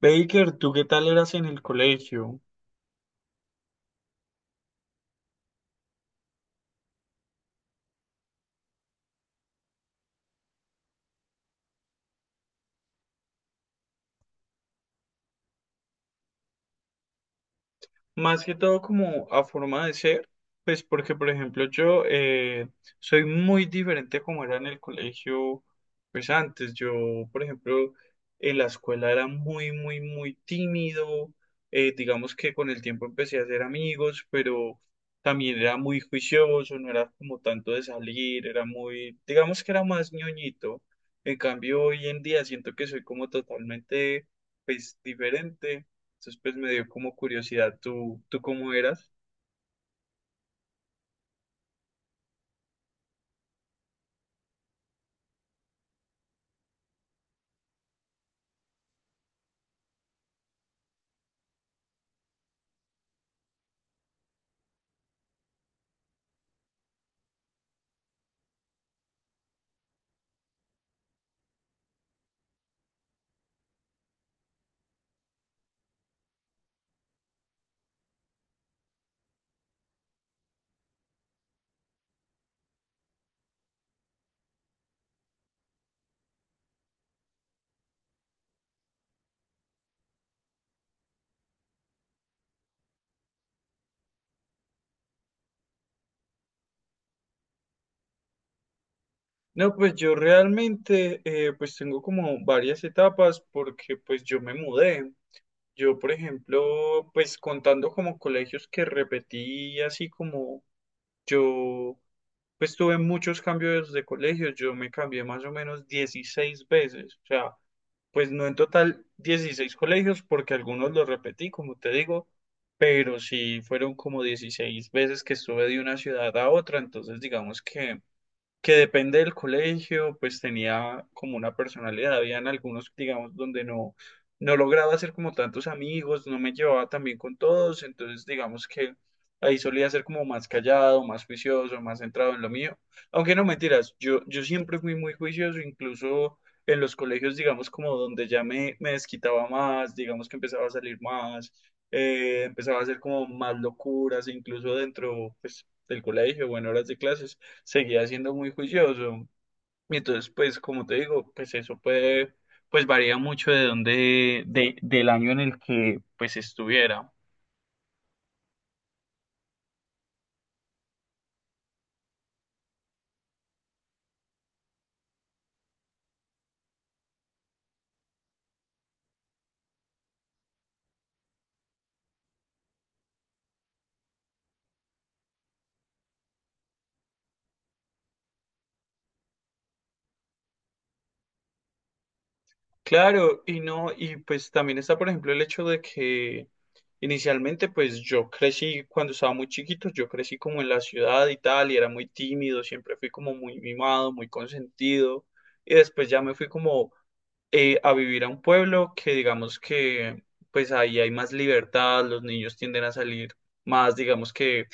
Baker, ¿tú qué tal eras en el colegio? Más que todo como a forma de ser, pues porque por ejemplo yo soy muy diferente a como era en el colegio. Pues antes yo, por ejemplo, en la escuela era muy muy muy tímido. Digamos que con el tiempo empecé a hacer amigos, pero también era muy juicioso, no era como tanto de salir, era muy, digamos que era más ñoñito. En cambio, hoy en día siento que soy como totalmente, pues, diferente. Entonces, pues me dio como curiosidad tú cómo eras. No, pues yo realmente, pues tengo como varias etapas, porque pues yo me mudé. Yo, por ejemplo, pues contando como colegios que repetí, así como yo, pues tuve muchos cambios de colegios. Yo me cambié más o menos 16 veces. O sea, pues no en total 16 colegios, porque algunos los repetí, como te digo, pero sí fueron como 16 veces que estuve de una ciudad a otra. Entonces digamos que depende del colegio, pues tenía como una personalidad. Habían algunos, digamos, donde no, no lograba hacer como tantos amigos, no me llevaba tan bien con todos. Entonces digamos que ahí solía ser como más callado, más juicioso, más centrado en lo mío. Aunque no mentiras, yo siempre fui muy juicioso. Incluso en los colegios, digamos, como donde ya me desquitaba más, digamos que empezaba a salir más. Empezaba a hacer como más locuras. Incluso dentro, pues, del colegio o en horas de clases seguía siendo muy juicioso. Y entonces, pues, como te digo, pues varía mucho de dónde, del año en el que pues estuviera. Claro, y no, y pues también está, por ejemplo, el hecho de que inicialmente, pues yo crecí cuando estaba muy chiquito, yo crecí como en la ciudad y tal, y era muy tímido, siempre fui como muy mimado, muy consentido, y después ya me fui como, a vivir a un pueblo, que digamos que pues ahí hay más libertad, los niños tienden a salir más, digamos que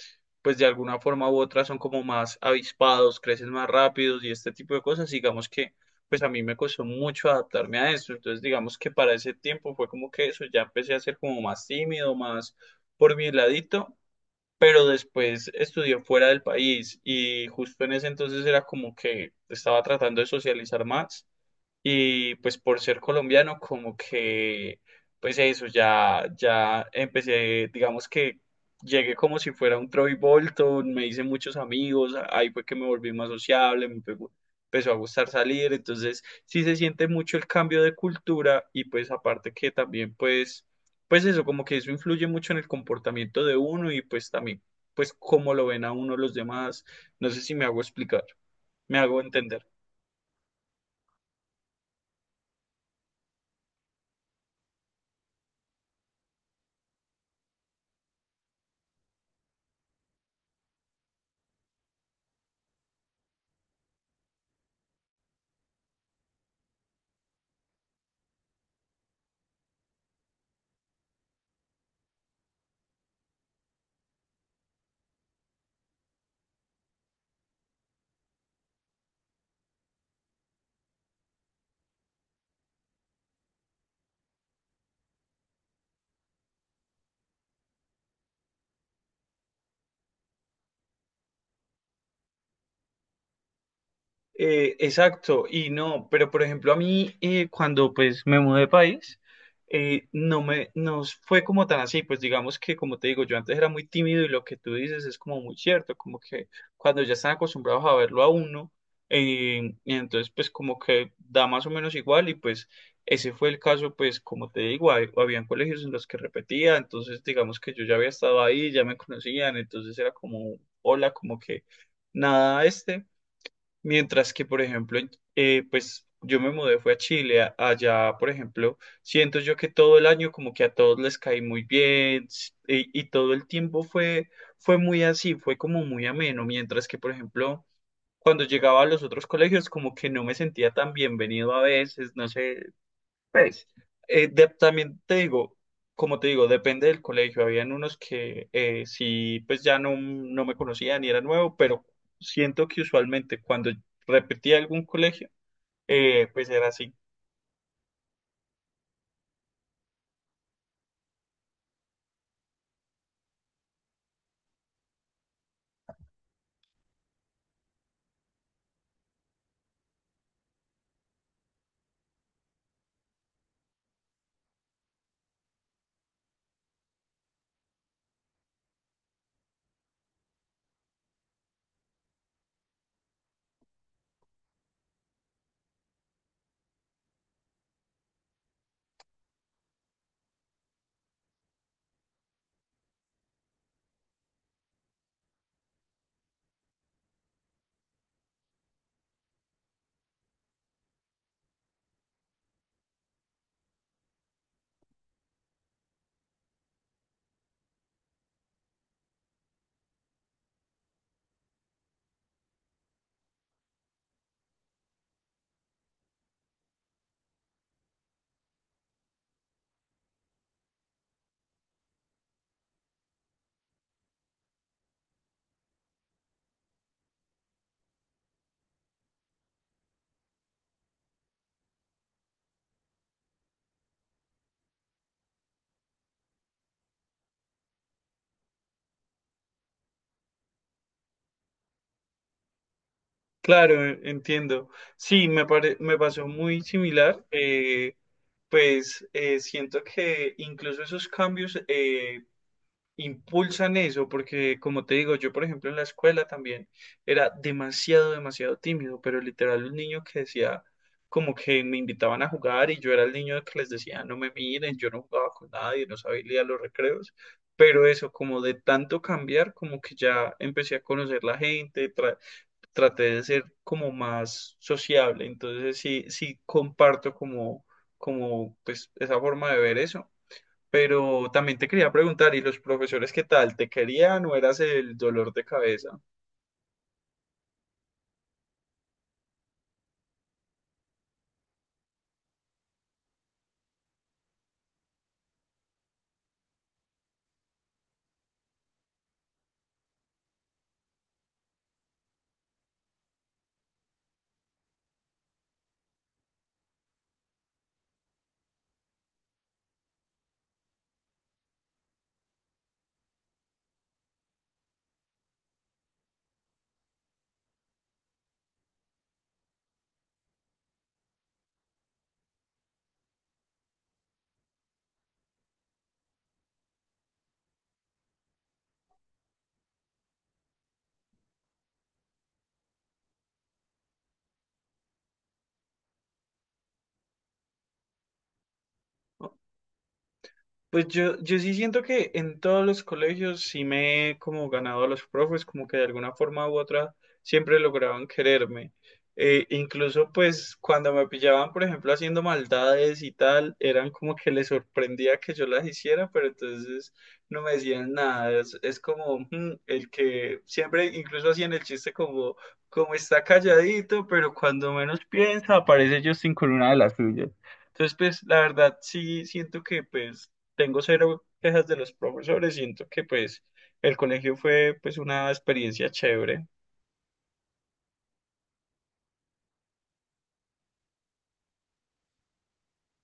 pues de alguna forma u otra son como más avispados, crecen más rápidos y este tipo de cosas. Digamos que pues a mí me costó mucho adaptarme a eso. Entonces, digamos que para ese tiempo fue como que eso, ya empecé a ser como más tímido, más por mi ladito. Pero después estudié fuera del país y justo en ese entonces era como que estaba tratando de socializar más, y pues por ser colombiano, como que, pues eso, ya, ya empecé, digamos que llegué como si fuera un Troy Bolton, me hice muchos amigos, ahí fue que me volví más sociable, empezó a gustar salir. Entonces sí se siente mucho el cambio de cultura, y pues aparte que también pues, pues eso, como que eso influye mucho en el comportamiento de uno, y pues también, pues cómo lo ven a uno los demás, no sé si me hago explicar, me hago entender. Exacto, y no, pero por ejemplo a mí, cuando pues me mudé de país, no me, nos fue como tan así. Pues digamos que, como te digo, yo antes era muy tímido y lo que tú dices es como muy cierto, como que cuando ya están acostumbrados a verlo a uno, y entonces pues como que da más o menos igual. Y pues ese fue el caso. Pues como te digo, habían colegios en los que repetía, entonces digamos que yo ya había estado ahí, ya me conocían, entonces era como, hola, como que nada, este. Mientras que, por ejemplo, pues yo me mudé, fue a Chile, allá, por ejemplo, siento yo que todo el año como que a todos les caí muy bien, y todo el tiempo fue muy así, fue como muy ameno. Mientras que, por ejemplo, cuando llegaba a los otros colegios como que no me sentía tan bienvenido a veces, no sé, pues, también te digo, como te digo, depende del colegio. Habían unos que, sí, pues ya no, no me conocían y era nuevo, pero siento que usualmente cuando repetía algún colegio, pues era así. Claro, entiendo. Sí, me pasó muy similar. Pues siento que incluso esos cambios, impulsan eso, porque como te digo, yo por ejemplo en la escuela también era demasiado, demasiado tímido, pero literal un niño que decía, como que me invitaban a jugar y yo era el niño que les decía no me miren, yo no jugaba con nadie, no sabía ir a los recreos. Pero eso, como de tanto cambiar, como que ya empecé a conocer la gente, traté de ser como más sociable. Entonces sí, sí comparto como, pues esa forma de ver eso. Pero también te quería preguntar, ¿y los profesores qué tal? ¿Te querían o eras el dolor de cabeza? Pues yo sí siento que en todos los colegios sí me he como ganado a los profes, como que de alguna forma u otra siempre lograban quererme. Incluso pues cuando me pillaban, por ejemplo, haciendo maldades y tal, eran como que les sorprendía que yo las hiciera, pero entonces no me decían nada. Es como, el que siempre incluso hacían el chiste como, está calladito, pero cuando menos piensa aparece Justin con una de las suyas. Entonces, pues, la verdad, sí siento que, pues, tengo cero quejas de los profesores, siento que pues el colegio fue, pues, una experiencia chévere.